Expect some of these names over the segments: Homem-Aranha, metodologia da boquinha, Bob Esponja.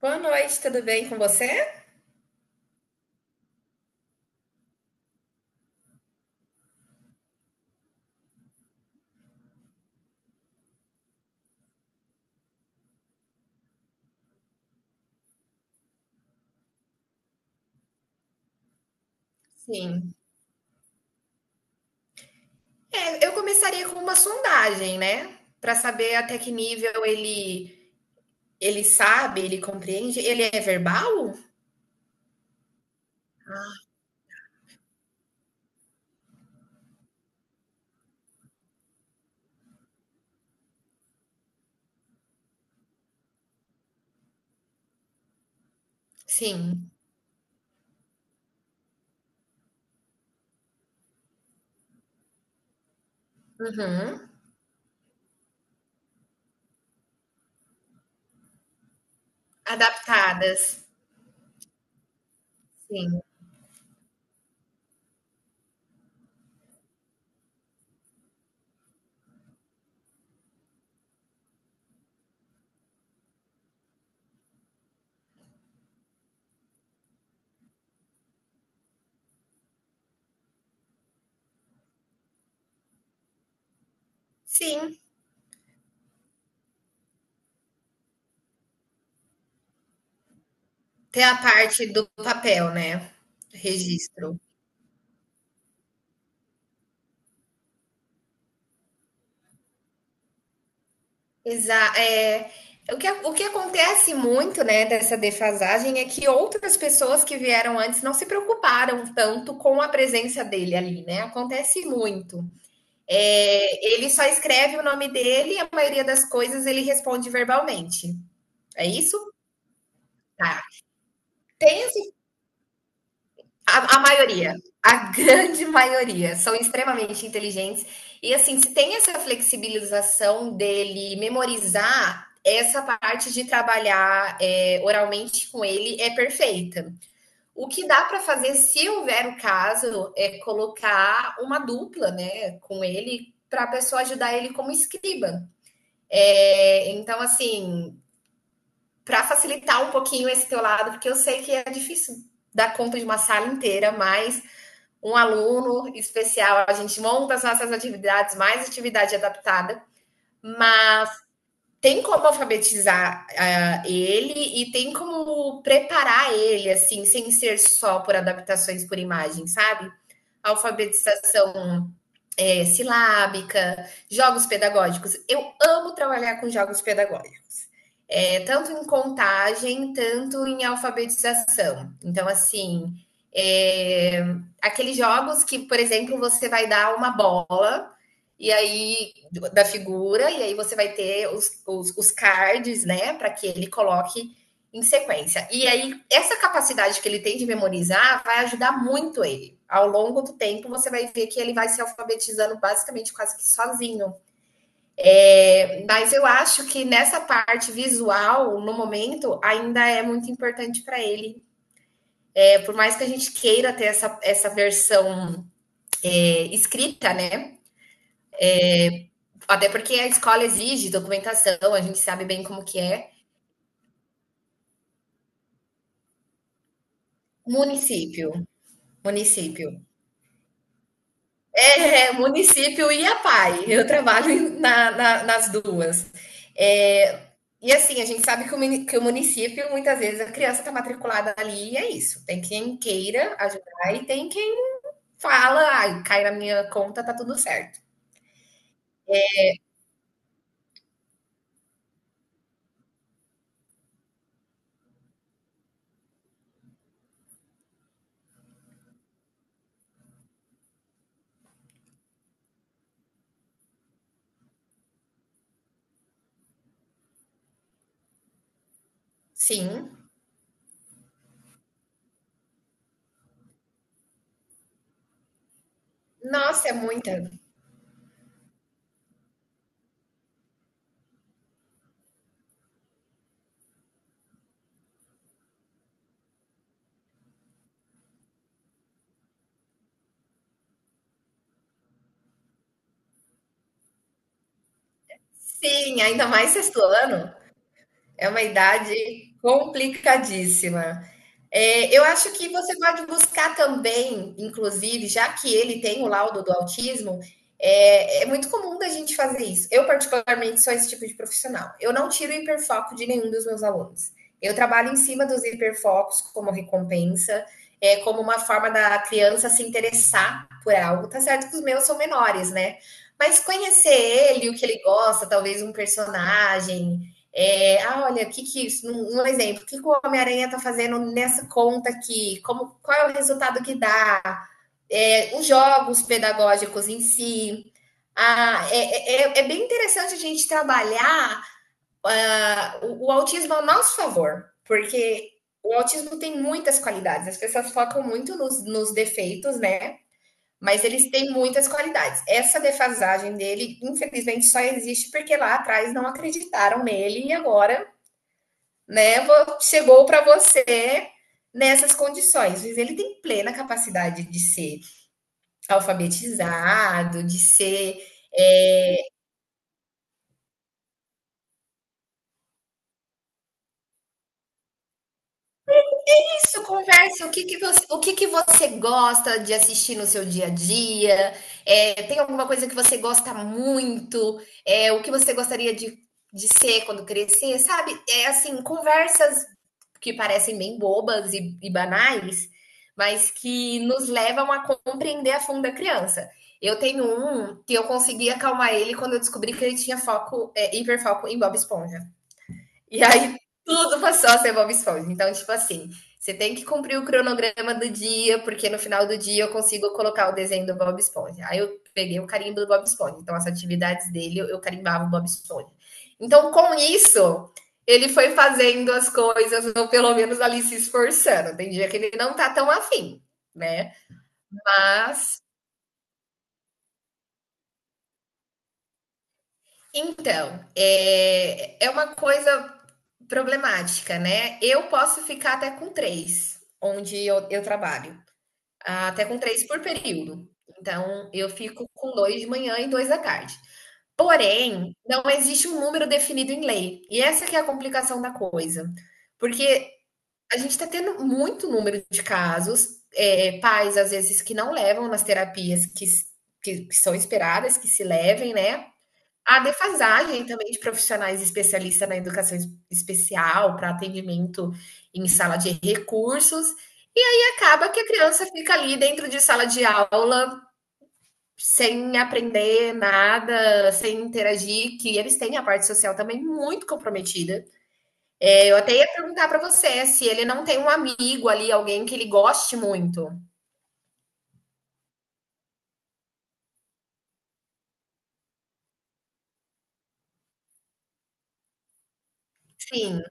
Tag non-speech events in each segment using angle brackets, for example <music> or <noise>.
Boa noite, tudo bem com você? Sim. É, eu começaria com uma sondagem, né? Para saber até que nível ele sabe, ele compreende. Ele é verbal? Sim. Uhum. Adaptadas. Sim. Sim. Tem a parte do papel, né? Registro. Exa é, o que acontece muito, né, dessa defasagem é que outras pessoas que vieram antes não se preocuparam tanto com a presença dele ali, né? Acontece muito. É, ele só escreve o nome dele e a maioria das coisas ele responde verbalmente. É isso? Tá. Tem a maioria, a <laughs> grande maioria, são extremamente inteligentes. E assim, se tem essa flexibilização dele memorizar, essa parte de trabalhar oralmente com ele é perfeita. O que dá para fazer, se houver o caso, é colocar uma dupla, né, com ele para a pessoa ajudar ele como escriba. É, então, assim, para facilitar um pouquinho esse teu lado, porque eu sei que é difícil dar conta de uma sala inteira, mas um aluno especial, a gente monta as nossas atividades, mais atividade adaptada, mas tem como alfabetizar ele e tem como preparar ele, assim, sem ser só por adaptações por imagem, sabe? Alfabetização silábica, jogos pedagógicos. Eu amo trabalhar com jogos pedagógicos. É, tanto em contagem, tanto em alfabetização. Então, assim, é, aqueles jogos que, por exemplo, você vai dar uma bola e aí da figura, e aí você vai ter os cards, né, para que ele coloque em sequência. E aí, essa capacidade que ele tem de memorizar vai ajudar muito ele. Ao longo do tempo, você vai ver que ele vai se alfabetizando basicamente quase que sozinho. É, mas eu acho que nessa parte visual, no momento, ainda é muito importante para ele. É, por mais que a gente queira ter essa, essa versão escrita, né? Até porque a escola exige documentação, a gente sabe bem como que é. Município, município. É, é município e a PAI. Eu trabalho na, nas duas. É, e assim, a gente sabe que o município, muitas vezes, a criança está matriculada ali e é isso. Tem quem queira ajudar e tem quem fala, ai, cai na minha conta, tá tudo certo. Sim. Nossa, é muita. Sim, ainda mais sexto ano. É uma idade complicadíssima. É, eu acho que você pode buscar também, inclusive, já que ele tem o laudo do autismo, muito comum da gente fazer isso. Eu, particularmente, sou esse tipo de profissional. Eu não tiro o hiperfoco de nenhum dos meus alunos. Eu trabalho em cima dos hiperfocos como recompensa, é, como uma forma da criança se interessar por algo. Tá certo que os meus são menores, né? Mas conhecer ele, o que ele gosta, talvez um personagem, olha, que isso? Um exemplo, o que, que o Homem-Aranha está fazendo nessa conta aqui? Como, qual é o resultado que dá? É, os jogos pedagógicos em si. Ah, é bem interessante a gente trabalhar o autismo ao nosso favor, porque o autismo tem muitas qualidades. As pessoas focam muito nos defeitos, né? Mas eles têm muitas qualidades. Essa defasagem dele, infelizmente, só existe porque lá atrás não acreditaram nele e agora, né, chegou para você nessas condições. Ele tem plena capacidade de ser alfabetizado, de ser é, Isso, conversa. O que que você gosta de assistir no seu dia a dia? É, tem alguma coisa que você gosta muito? É, o que você gostaria de ser quando crescer? Sabe? É assim, conversas que parecem bem bobas e banais, mas que nos levam a compreender a fundo a criança. Eu tenho um que eu consegui acalmar ele quando eu descobri que ele tinha foco, hiperfoco em Bob Esponja. E aí tudo passou a ser Bob Esponja. Então, tipo assim, você tem que cumprir o cronograma do dia, porque no final do dia eu consigo colocar o desenho do Bob Esponja. Aí eu peguei o carimbo do Bob Esponja. Então, as atividades dele, eu carimbava o Bob Esponja. Então, com isso, ele foi fazendo as coisas, ou pelo menos ali se esforçando. Tem dia que ele não tá tão afim, né? Mas, então, é uma coisa problemática, né? Eu posso ficar até com três, onde eu trabalho, até com três por período. Então, eu fico com dois de manhã e dois da tarde. Porém, não existe um número definido em lei. E essa que é a complicação da coisa. Porque a gente está tendo muito número de casos, pais, às vezes, que não levam nas terapias que são esperadas, que se levem, né? A defasagem também de profissionais especialistas na educação especial para atendimento em sala de recursos, e aí acaba que a criança fica ali dentro de sala de aula sem aprender nada, sem interagir, que eles têm a parte social também muito comprometida. É, eu até ia perguntar para você se ele não tem um amigo ali, alguém que ele goste muito. Sim,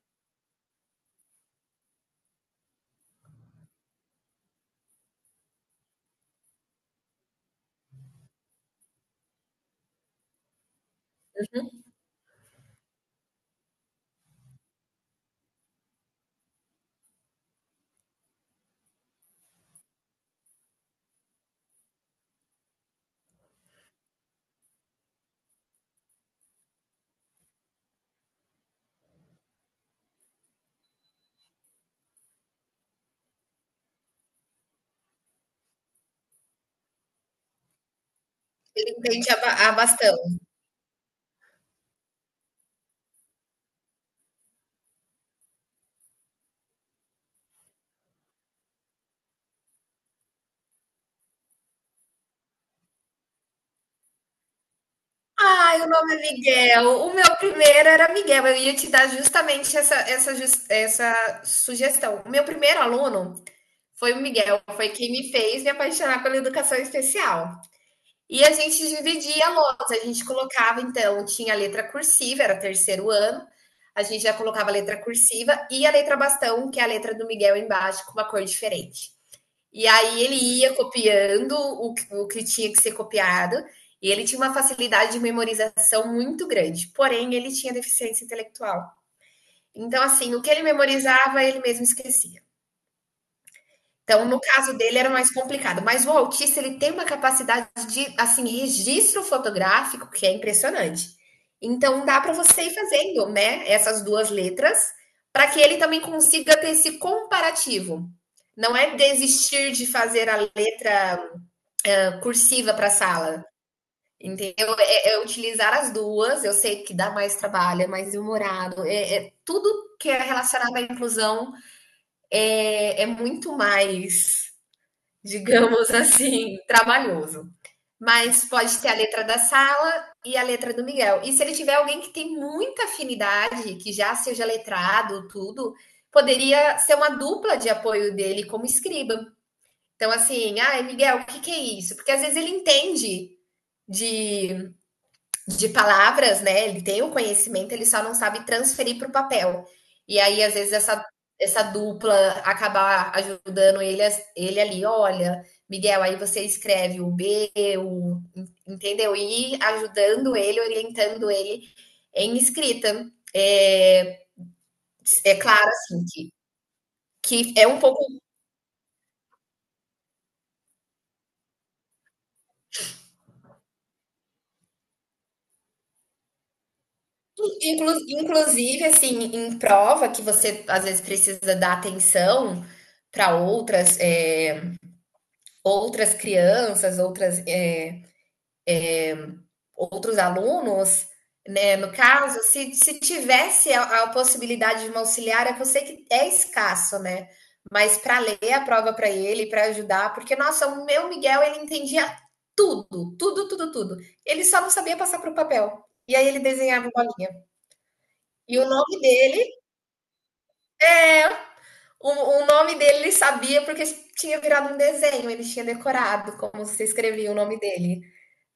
ele entende bastante. Ai, o nome é Miguel. O meu primeiro era Miguel. Eu ia te dar justamente essa sugestão. O meu primeiro aluno foi o Miguel, foi quem me fez me apaixonar pela educação especial. E a gente dividia a lousa, a gente colocava, então, tinha a letra cursiva, era terceiro ano, a gente já colocava a letra cursiva e a letra bastão, que é a letra do Miguel embaixo, com uma cor diferente. E aí ele ia copiando o que tinha que ser copiado, e ele tinha uma facilidade de memorização muito grande, porém ele tinha deficiência intelectual. Então, assim, o que ele memorizava, ele mesmo esquecia. Então, no caso dele, era mais complicado. Mas o autista, ele tem uma capacidade de, assim, registro fotográfico que é impressionante. Então, dá para você ir fazendo, né, essas duas letras, para que ele também consiga ter esse comparativo. Não é desistir de fazer a letra cursiva para a sala. Entendeu? É utilizar as duas. Eu sei que dá mais trabalho, é mais demorado. Tudo que é relacionado à inclusão muito mais, digamos <laughs> assim, trabalhoso. Mas pode ter a letra da sala e a letra do Miguel. E se ele tiver alguém que tem muita afinidade, que já seja letrado, tudo, poderia ser uma dupla de apoio dele como escriba. Então, assim, ah, Miguel, o que que é isso? Porque às vezes ele entende de, de palavras, né? Ele tem o conhecimento, ele só não sabe transferir para o papel. E aí, às vezes, essa dupla acabar ajudando ele, ele ali, olha, Miguel, aí você escreve o B, o, entendeu? E ajudando ele, orientando ele em escrita. É claro, assim, que é um pouco, inclu, inclusive, assim, em prova, que você às vezes precisa dar atenção para outras, outras crianças, outras, outros alunos, né? No caso, se tivesse a possibilidade de uma auxiliar, é que eu sei que é escasso, né? Mas para ler a prova para ele, para ajudar, porque, nossa, o meu Miguel, ele entendia tudo, tudo, tudo, tudo. Ele só não sabia passar para o papel. E aí ele desenhava bolinha. E o nome dele é. O nome dele ele sabia porque tinha virado um desenho, ele tinha decorado como se escrevia o nome dele.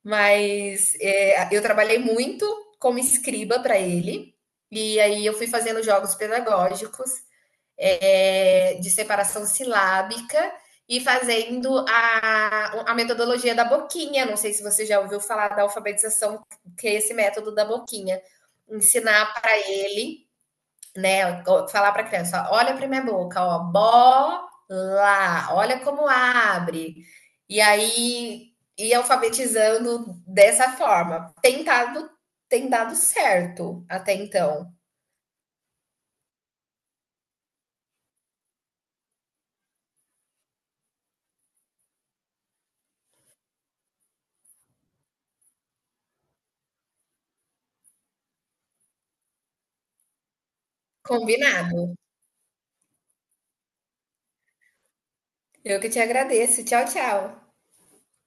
Mas eu trabalhei muito como escriba para ele, e aí eu fui fazendo jogos pedagógicos, de separação silábica e fazendo a metodologia da boquinha. Não sei se você já ouviu falar da alfabetização, que é esse método da boquinha. Ensinar para ele, né? Falar para a criança, ó, olha para minha boca, ó, bola, olha como abre. E aí ir alfabetizando dessa forma. Tem dado certo até então. Combinado. Eu que te agradeço. Tchau, tchau.